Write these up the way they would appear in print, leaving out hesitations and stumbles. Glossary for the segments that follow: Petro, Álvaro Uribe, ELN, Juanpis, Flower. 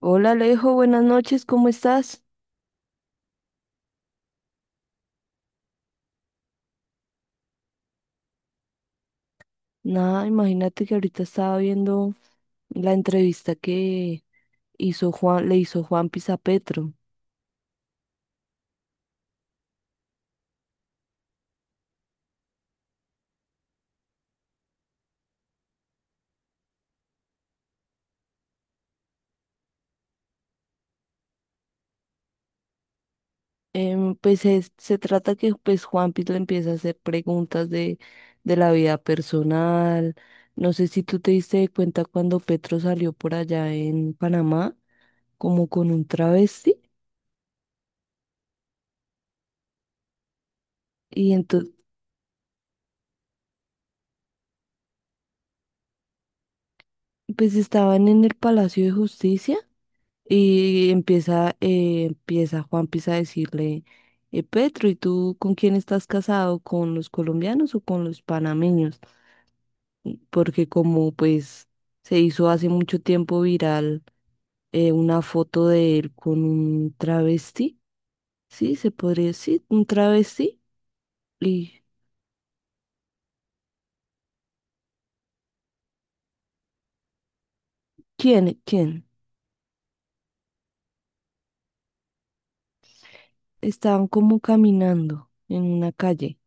Hola Alejo, buenas noches, ¿cómo estás? Nada, imagínate que ahorita estaba viendo la entrevista que le hizo Juanpis a Petro. Se trata que pues Juanpis le empieza a hacer preguntas de la vida personal. No sé si tú te diste cuenta cuando Petro salió por allá en Panamá, como con un travesti, y entonces pues estaban en el Palacio de Justicia. Y empieza a decirle, Petro, ¿y tú con quién estás casado? ¿Con los colombianos o con los panameños? Porque como pues se hizo hace mucho tiempo viral una foto de él con un travesti, ¿sí? Se podría decir, un travesti. ¿Y quién? ¿Quién? Estaban como caminando en una calle.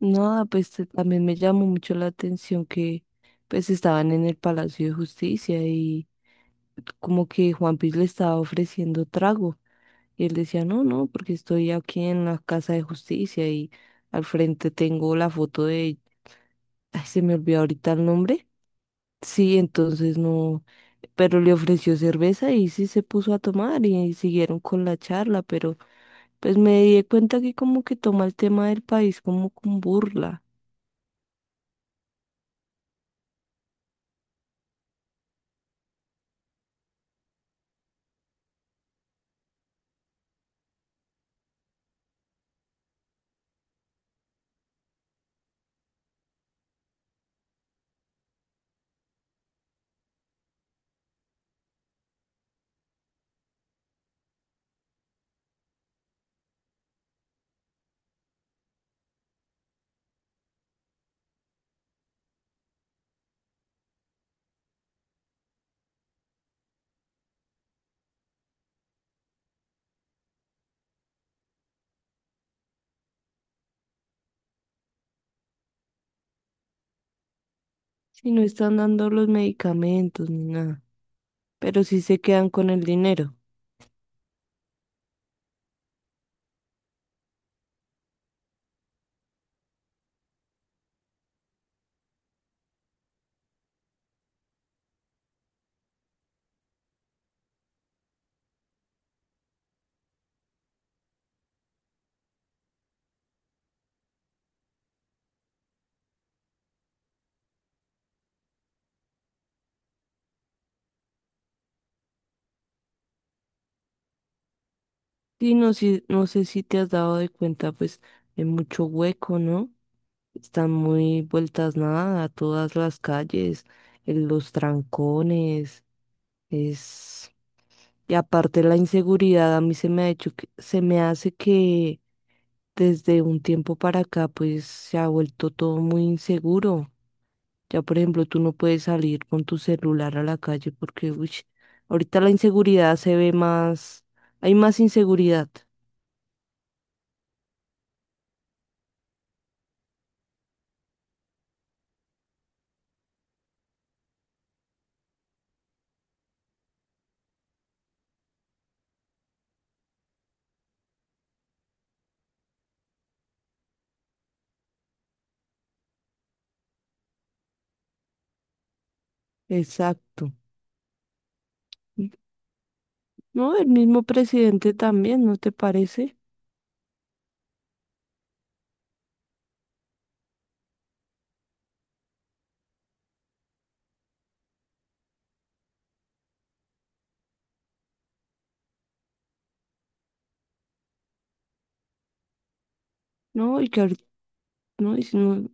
No, pues también me llamó mucho la atención que pues estaban en el Palacio de Justicia y como que Juanpis le estaba ofreciendo trago y él decía, no, no, porque estoy aquí en la Casa de Justicia y al frente tengo la foto de, ay, se me olvidó ahorita el nombre. Sí, entonces no, pero le ofreció cerveza y sí se puso a tomar y siguieron con la charla, pero pues me di cuenta que como que toma el tema del país como con burla, si no están dando los medicamentos ni nada, pero sí se quedan con el dinero. Y no sé, no sé si te has dado de cuenta, pues, de mucho hueco, ¿no? Están muy vueltas nada, todas las calles, en los trancones, es... Y aparte la inseguridad, a mí se me hace que desde un tiempo para acá, pues, se ha vuelto todo muy inseguro. Ya, por ejemplo, tú no puedes salir con tu celular a la calle porque, uy, ahorita la inseguridad se ve más, hay más inseguridad. Exacto. No, el mismo presidente también, ¿no te parece? No, y que ahorita, no, y si no,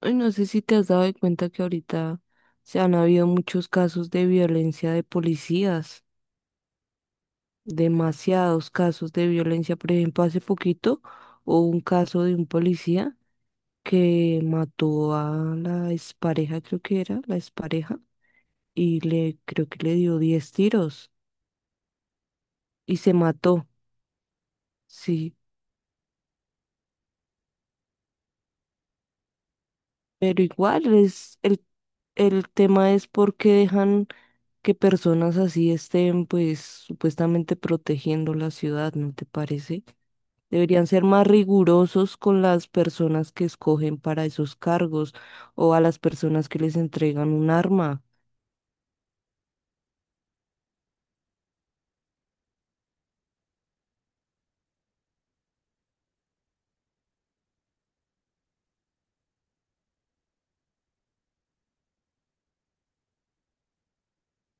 ay, no sé si te has dado de cuenta que ahorita se han habido muchos casos de violencia de policías, demasiados casos de violencia. Por ejemplo, hace poquito hubo un caso de un policía que mató a la expareja, creo que era, la expareja, y le, creo que le dio 10 tiros y se mató, sí. Pero igual es el tema es por qué dejan que personas así estén pues supuestamente protegiendo la ciudad, ¿no te parece? Deberían ser más rigurosos con las personas que escogen para esos cargos o a las personas que les entregan un arma.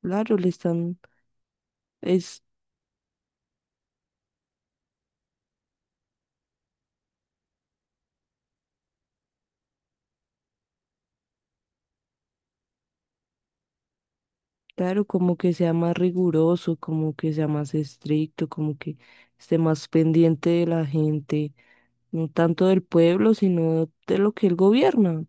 Claro, le están, es claro, como que sea más riguroso, como que sea más estricto, como que esté más pendiente de la gente, no tanto del pueblo, sino de lo que él gobierna.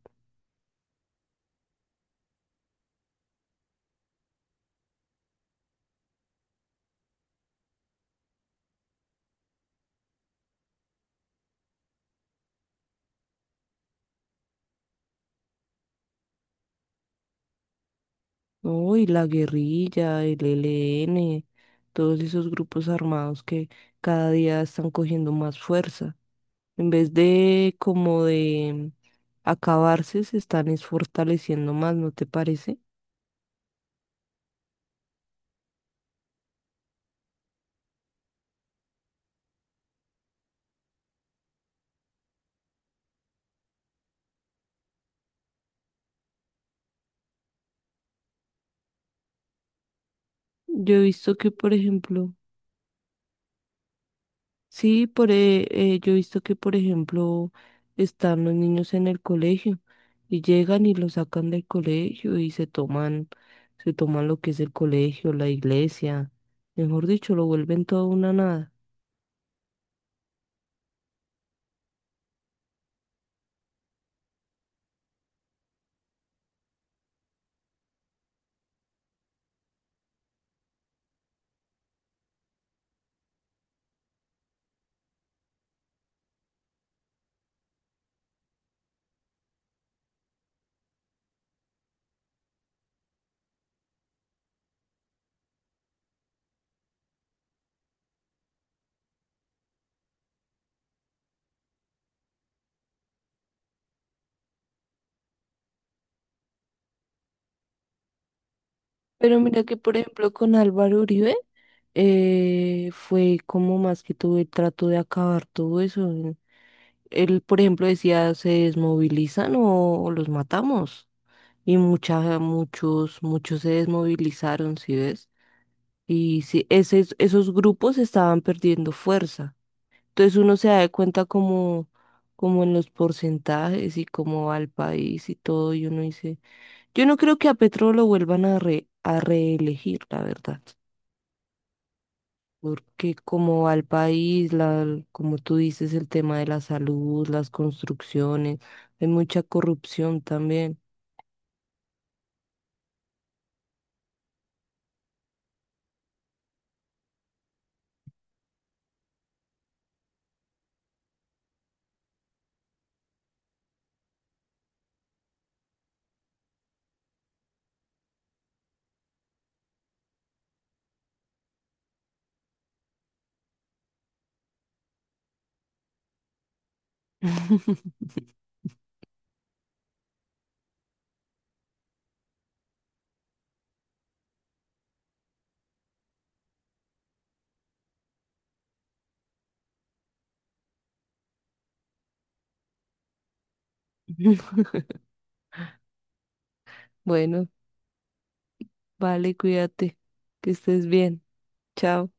No, y la guerrilla, el E L N todos esos grupos armados que cada día están cogiendo más fuerza. En vez de como de acabarse, se están es fortaleciendo más, ¿no te parece? Yo he visto que, por ejemplo, sí, yo he visto que, por ejemplo, están los niños en el colegio y llegan y los sacan del colegio y se toman lo que es el colegio, la iglesia, mejor dicho, lo vuelven todo una nada. Pero mira que, por ejemplo, con Álvaro Uribe fue como más que todo el trato de acabar todo eso. Él, por ejemplo, decía, se desmovilizan o los matamos. Y muchos se desmovilizaron, ¿sí ves? Y sí, esos grupos estaban perdiendo fuerza. Entonces uno se da de cuenta como, como en los porcentajes y cómo va el país y todo, y uno dice, yo no creo que a Petro lo vuelvan a, a reelegir, la verdad. Porque como al país, la, como tú dices, el tema de la salud, las construcciones, hay mucha corrupción también. Bueno, vale, cuídate, que estés bien. Chao.